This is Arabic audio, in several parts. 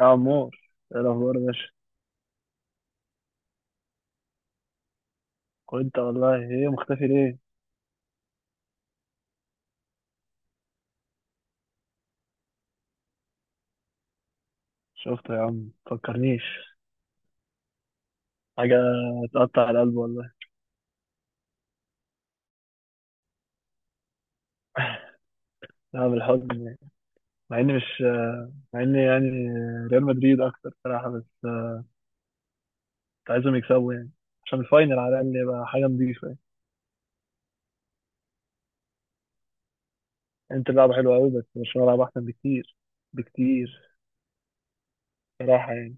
يا عمور، ايه الاخبار يا باشا؟ وانت والله، ايه مختفي ليه؟ شفته يا عم، مفكرنيش حاجه. تقطع القلب والله. انا بالحزن. مع اني مش مع اني يعني ريال مدريد اكتر صراحه، بس كنت عايزهم يكسبوا يعني، عشان الفاينل على الاقل يبقى حاجه نضيفه يعني. انت لعبه حلوه قوي، بس برشلونه لعبه احسن بكتير. صراحه يعني.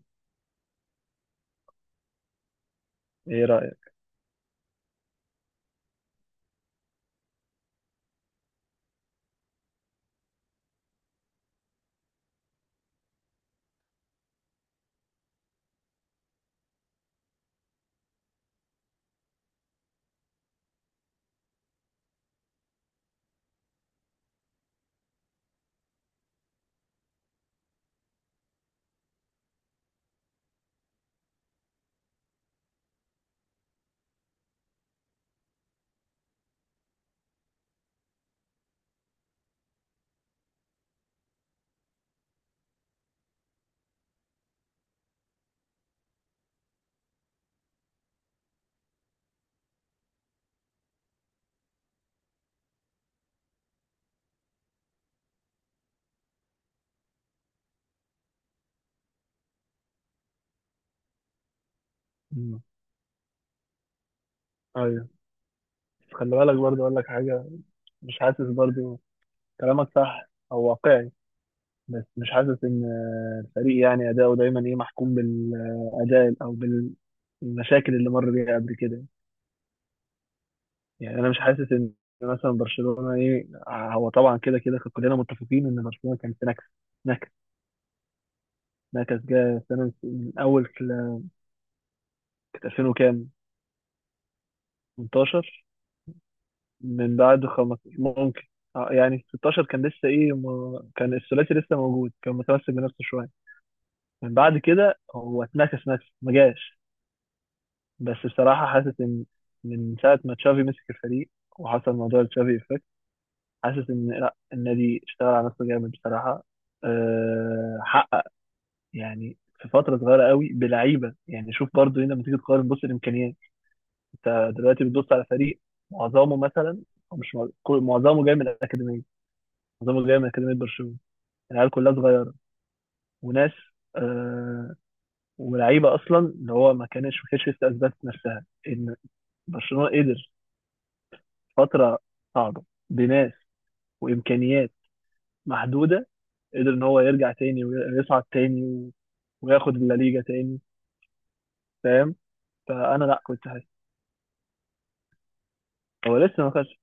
ايه رايك؟ مم. ايوه، بس خلي بالك برضه اقول لك حاجه. مش حاسس برضه. كلامك صح او واقعي، بس مش حاسس ان الفريق يعني اداؤه دايما ايه محكوم بالاداء او بالمشاكل اللي مر بيها قبل كده. يعني انا مش حاسس ان مثلا برشلونه ايه، هو طبعا كده كده كلنا متفقين ان برشلونه كان في نكس، نكس نكس جه سنه من اول 2000 وكام، 18، من بعد 15 ممكن. يعني 16 كان لسه ايه، ما كان الثلاثي لسه موجود، كان متمسك بنفسه شويه. من بعد كده هو اتنكس نكس ما جاش. بس بصراحة حاسس إن من ساعة ما تشافي مسك الفريق وحصل موضوع تشافي إفكت، حاسس إن لأ، النادي اشتغل على نفسه جامد بصراحة. حقق يعني في فترة صغيرة قوي بلعيبة. يعني شوف برضو هنا لما تيجي تقارن، بص الإمكانيات. أنت دلوقتي بتبص على فريق معظمه مثلا، أو مش مع- كل- معظمه جاي من الأكاديمية، معظمه جاي من أكاديمية برشلونة. العيال كلها صغيرة وناس، أه ولعيبة أصلا اللي هو ما كانتش لسه أثبتت نفسها، إن برشلونة قدر فترة صعبة بناس وإمكانيات محدودة، قدر إن هو يرجع تاني ويصعد تاني وياخد الليجا تاني. فاهم؟ فأنا لأ، كنت حاسس. هو لسه ما خدش.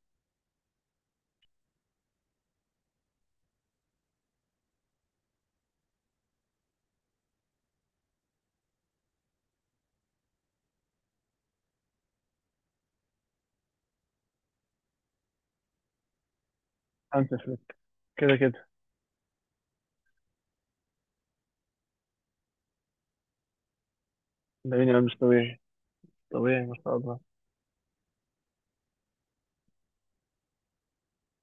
هانسي فليك، كده كده. لامين يامال مش طبيعي، طبيعي ما شاء الله.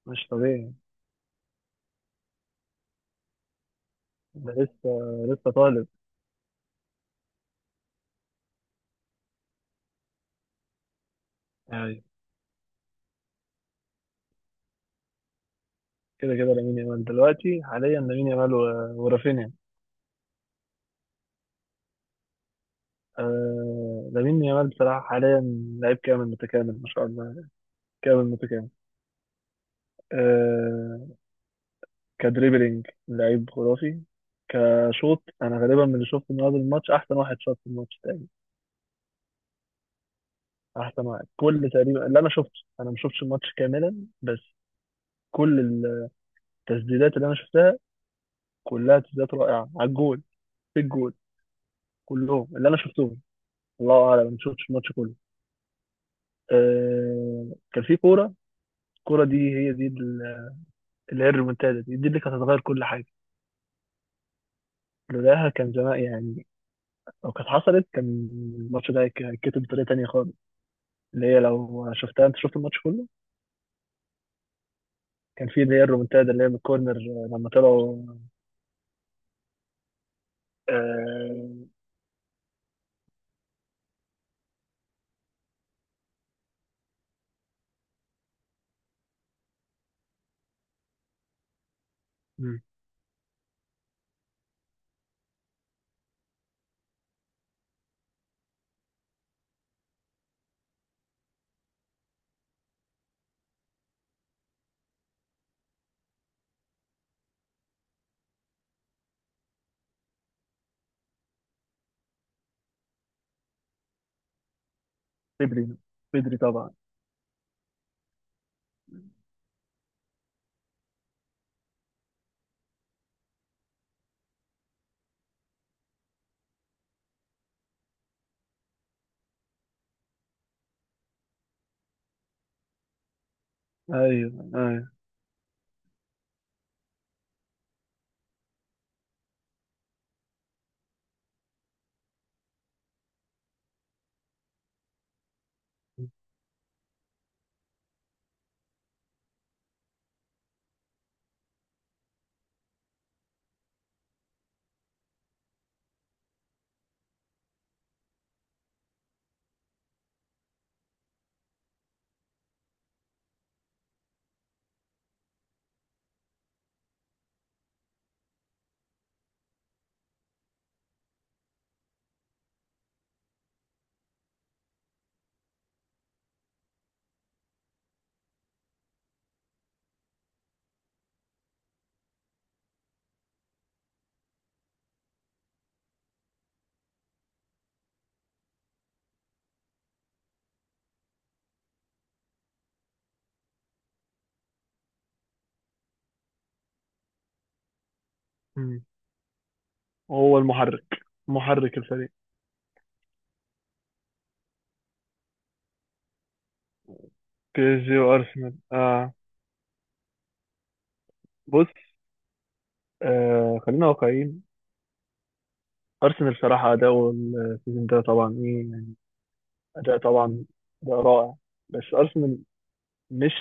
مش طبيعي. ده لسه، لسه طالب يعني. كده كده لامين يامال دلوقتي، حاليا لامين يامال ورافينيا. آه، لامين يامال بصراحة حاليا لعيب كامل متكامل ما شاء الله، كامل متكامل. آه. كدريبلينج لعيب خرافي. كشوط، انا غالبا من اللي شفته من هذا الماتش، احسن واحد شاط في الماتش تقريبا، احسن واحد كل تقريبا اللي انا شفته. انا ما شفتش الماتش كاملا، بس كل التسديدات اللي انا شفتها كلها تسديدات رائعه على الجول، في الجول، كلهم اللي انا شفتهم. الله اعلم، ما شفتش الماتش كله. أه كان في كوره، الكوره دي هي دي اللي هي الريمونتادا دي، دي اللي كانت هتغير كل حاجه، لولاها كان زمان يعني. لو كانت حصلت، كان الماتش ده هيتكتب بطريقه تانيه خالص، اللي هي لو شفتها انت شفت الماتش كله. كان في اللي هي الرومنتادا اللي هي من الكورنر، لما طلعوا. آه. مم. بدري، بدري طبعا. ايوه ايوه. مم. وهو المحرك، محرك الفريق. بي اس جي وارسنال، اه. بص، خلينا واقعيين. ارسنال صراحه اداؤه السيزون ده طبعا ايه يعني، اداء طبعا، اداء رائع. بس ارسنال مش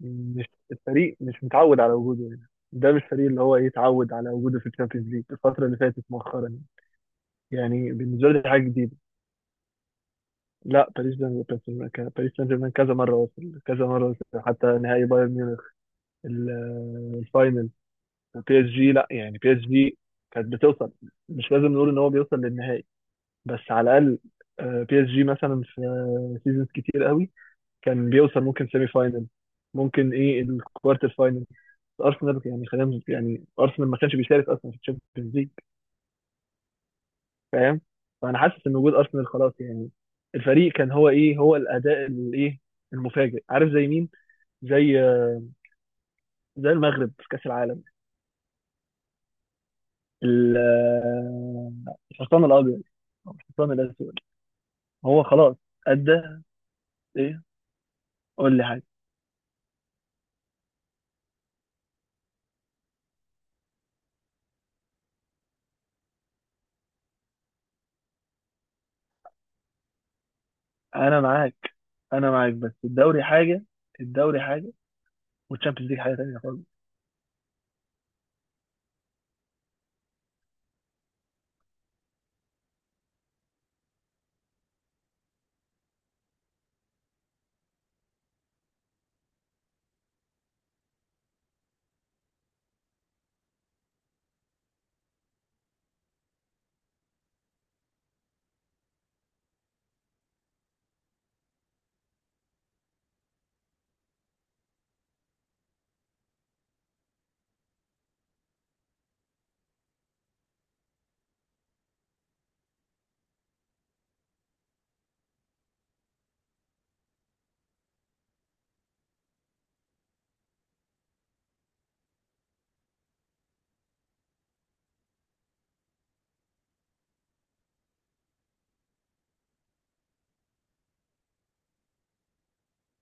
مش الفريق مش متعود على وجوده هنا. ده مش فريق اللي هو ايه اتعود على وجوده في الشامبيونز ليج الفتره اللي فاتت مؤخرا. يعني بالنسبه لي دي حاجه جديده. لا، باريس سان جيرمان كذا مره وصل، كذا مره وصل حتى نهائي بايرن ميونخ، الفاينل. بي اس جي لا يعني، بي اس جي كانت بتوصل. مش لازم نقول ان هو بيوصل للنهائي، بس على الاقل آه، بي اس جي مثلا في سيزونز كتير قوي كان بيوصل ممكن سيمي فاينل، ممكن ايه الكوارتر فاينل. ارسنال يعني خلينا يعني، ارسنال ما كانش بيشارك اصلا في الشامبيونز ليج. فاهم؟ فانا حاسس ان وجود ارسنال خلاص يعني الفريق كان هو ايه، هو الاداء الايه المفاجئ. عارف زي مين؟ زي زي المغرب في كاس العالم، ال- آه، الحصان الابيض أو الحصان الاسود. هو خلاص ادى. ايه؟ قول لي حاجه. انا معاك، انا معاك بس الدوري حاجه، الدوري حاجه، والتشامبيونز ليج حاجه تانيه خالص.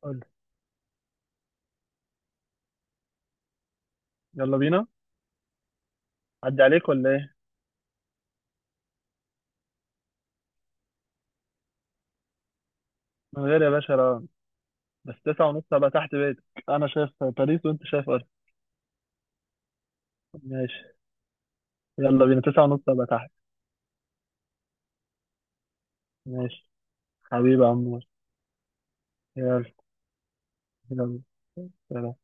قول لي. يلا بينا. عدي عليك ولا ايه؟ من غير يا باشا، لا. بس تسعة ونص هبقى تحت بيتك. انا شايف باريس، وانت شايف ارسنال. ماشي. يلا بينا، تسعة ونص ابقى تحت. ماشي. حبيبي يا عمور. يلا. يلا سلام.